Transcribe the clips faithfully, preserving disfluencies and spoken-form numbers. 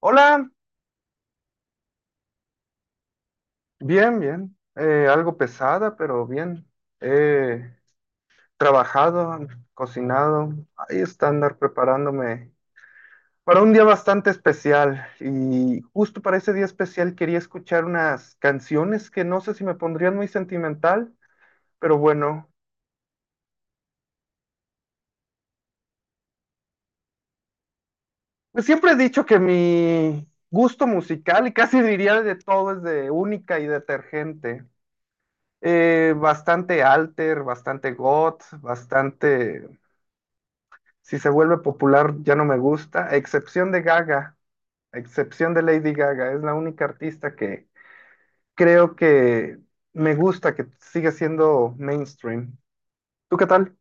Hola, bien, bien. Eh, algo pesada, pero bien. He trabajado, cocinado, ahí está andar preparándome para un día bastante especial. Y justo para ese día especial quería escuchar unas canciones que no sé si me pondrían muy sentimental, pero bueno, pues siempre he dicho que mi gusto musical, y casi diría de todo, es de única y detergente, eh, bastante alter, bastante goth, bastante. Si se vuelve popular, ya no me gusta, a excepción de Gaga, a excepción de Lady Gaga, es la única artista que creo que me gusta, que sigue siendo mainstream. ¿Tú qué tal?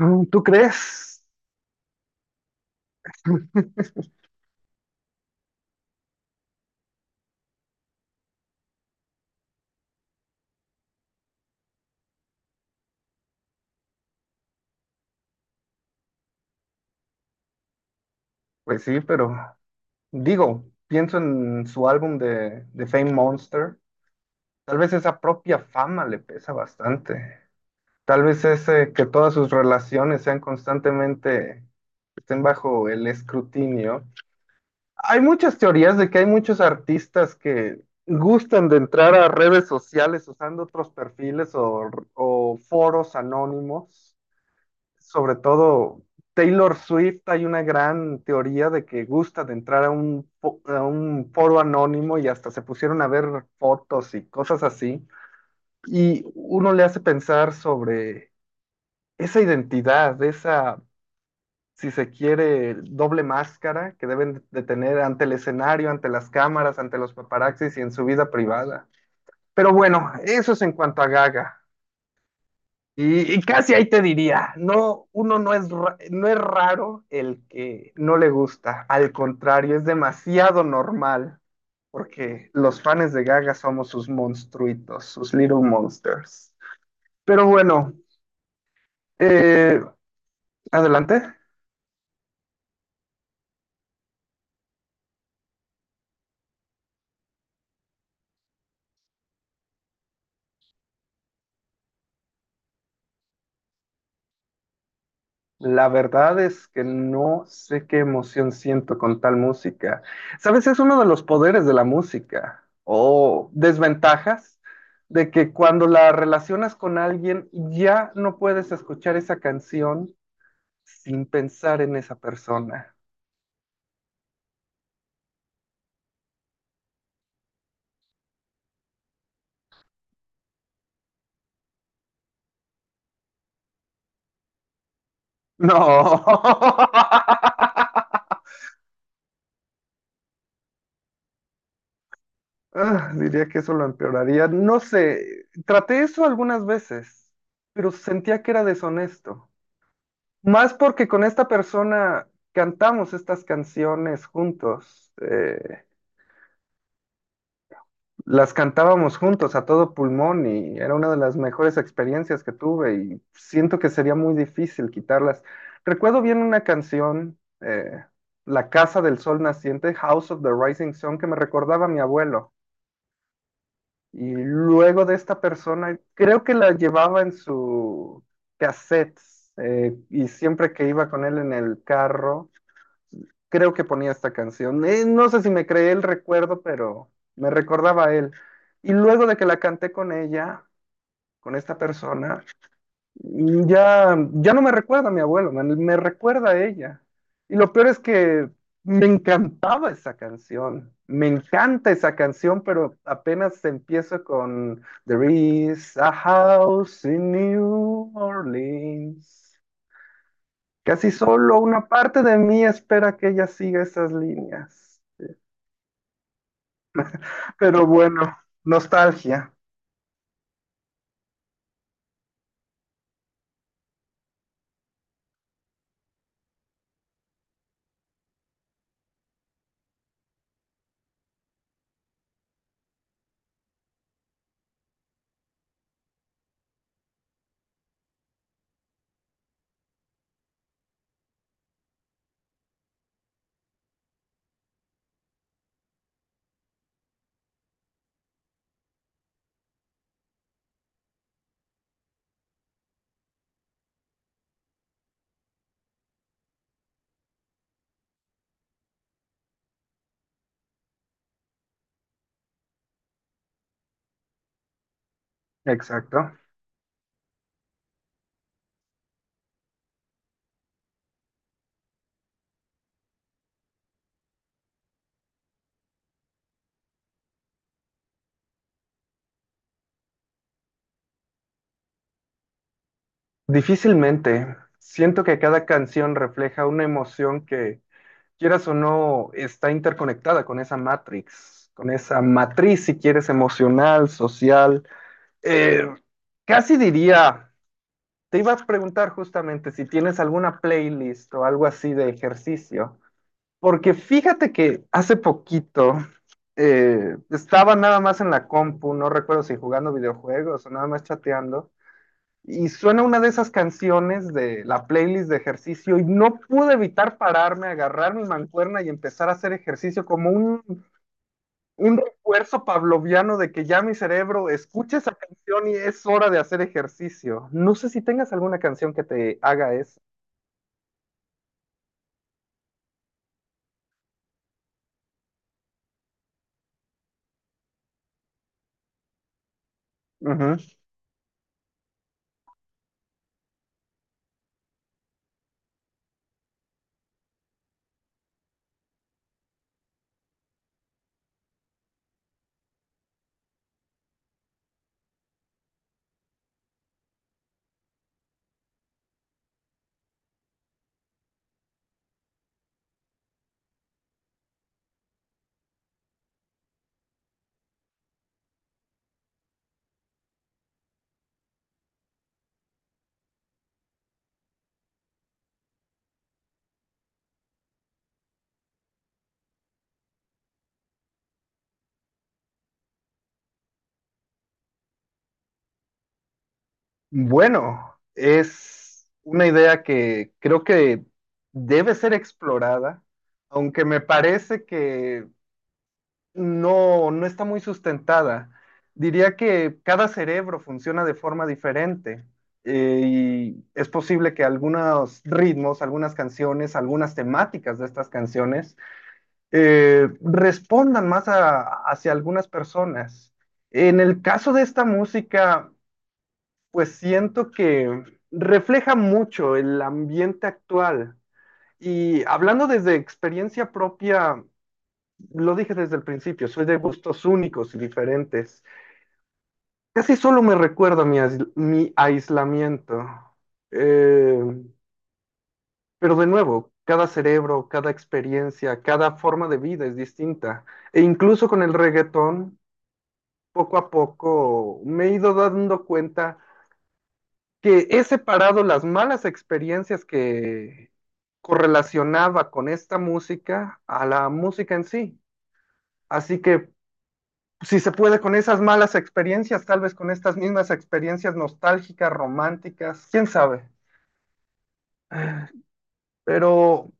Mm, ¿tú crees? Pues sí, pero digo, pienso en su álbum de, de Fame Monster. Tal vez esa propia fama le pesa bastante. Tal vez ese que todas sus relaciones sean constantemente, estén bajo el escrutinio. Hay muchas teorías de que hay muchos artistas que gustan de entrar a redes sociales usando otros perfiles o, o foros anónimos. Sobre todo Taylor Swift, hay una gran teoría de que gusta de entrar a un, fo- a un foro anónimo y hasta se pusieron a ver fotos y cosas así. Y uno le hace pensar sobre esa identidad, esa, si se quiere, doble máscara que deben de tener ante el escenario, ante las cámaras, ante los paparazzis y en su vida privada. Pero bueno, eso es en cuanto a Gaga. Y, y casi ahí te diría, no, uno no es, ra- no es raro el que no le gusta, al contrario, es demasiado normal, porque los fans de Gaga somos sus monstruitos, sus little monsters. Pero bueno, eh, adelante. La verdad es que no sé qué emoción siento con tal música. ¿Sabes? Es uno de los poderes de la música o desventajas de que cuando la relacionas con alguien ya no puedes escuchar esa canción sin pensar en esa persona. No. Ah, diría que eso lo empeoraría. No sé, traté eso algunas veces, pero sentía que era deshonesto. Más porque con esta persona cantamos estas canciones juntos, eh, las cantábamos juntos a todo pulmón y era una de las mejores experiencias que tuve y siento que sería muy difícil quitarlas. Recuerdo bien una canción, eh, La Casa del Sol Naciente, House of the Rising Sun, que me recordaba a mi abuelo. Y luego de esta persona, creo que la llevaba en su cassette, eh, y siempre que iba con él en el carro creo que ponía esta canción. Eh, no sé si me creé el recuerdo, pero me recordaba a él. Y luego de que la canté con ella, con esta persona, mm, ya, ya no me recuerda a mi abuelo, me, me recuerda a ella. Y lo peor es que me encantaba esa canción. Me encanta esa canción, pero apenas empiezo con There is a house in New Orleans. Casi solo una parte de mí espera que ella siga esas líneas. Pero bueno, nostalgia, exacto. Difícilmente. Siento que cada canción refleja una emoción que, quieras o no, está interconectada con esa matrix, con esa matriz, si quieres, emocional, social. Eh, Casi diría, te iba a preguntar justamente si tienes alguna playlist o algo así de ejercicio, porque fíjate que hace poquito eh, estaba nada más en la compu, no recuerdo si jugando videojuegos o nada más chateando. Y suena una de esas canciones de la playlist de ejercicio y no pude evitar pararme, agarrar mi mancuerna y empezar a hacer ejercicio como un, un refuerzo pavloviano de que ya mi cerebro escucha esa canción y es hora de hacer ejercicio. No sé si tengas alguna canción que te haga eso. Ujú. Bueno, es una idea que creo que debe ser explorada, aunque me parece que no, no está muy sustentada. Diría que cada cerebro funciona de forma diferente, eh, y es posible que algunos ritmos, algunas canciones, algunas temáticas de estas canciones eh, respondan más a- hacia algunas personas. En el caso de esta música, pues siento que refleja mucho el ambiente actual. Y hablando desde experiencia propia, lo dije desde el principio, soy de gustos únicos y diferentes. Casi solo me recuerda mi, ais- mi aislamiento. Eh, pero de nuevo, cada cerebro, cada experiencia, cada forma de vida es distinta. E incluso con el reggaetón, poco a poco me he ido dando cuenta que he separado las malas experiencias que correlacionaba con esta música a la música en sí. Así que si se puede, con esas malas experiencias, tal vez con estas mismas experiencias nostálgicas, románticas, quién sabe. Pero uh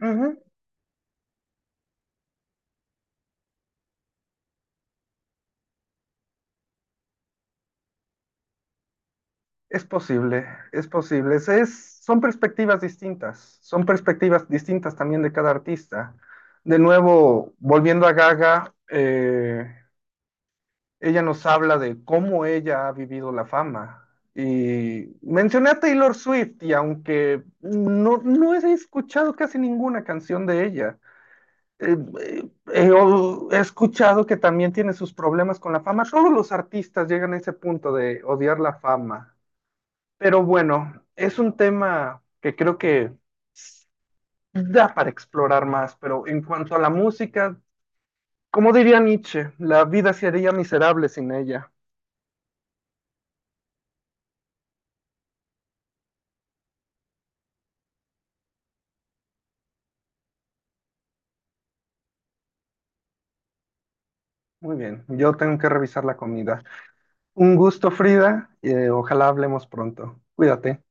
-huh, es posible, es posible. Es, es, son perspectivas distintas, son perspectivas distintas también de cada artista. De nuevo, volviendo a Gaga, eh, ella nos habla de cómo ella ha vivido la fama. Y mencioné a Taylor Swift y aunque no, no he escuchado casi ninguna canción de ella, eh, eh, eh, o- he escuchado que también tiene sus problemas con la fama. Solo los artistas llegan a ese punto de odiar la fama. Pero bueno, es un tema que creo que da para explorar más. Pero en cuanto a la música, como diría Nietzsche, la vida sería miserable sin ella. Muy bien, yo tengo que revisar la comida. Un gusto, Frida, y eh, ojalá hablemos pronto. Cuídate.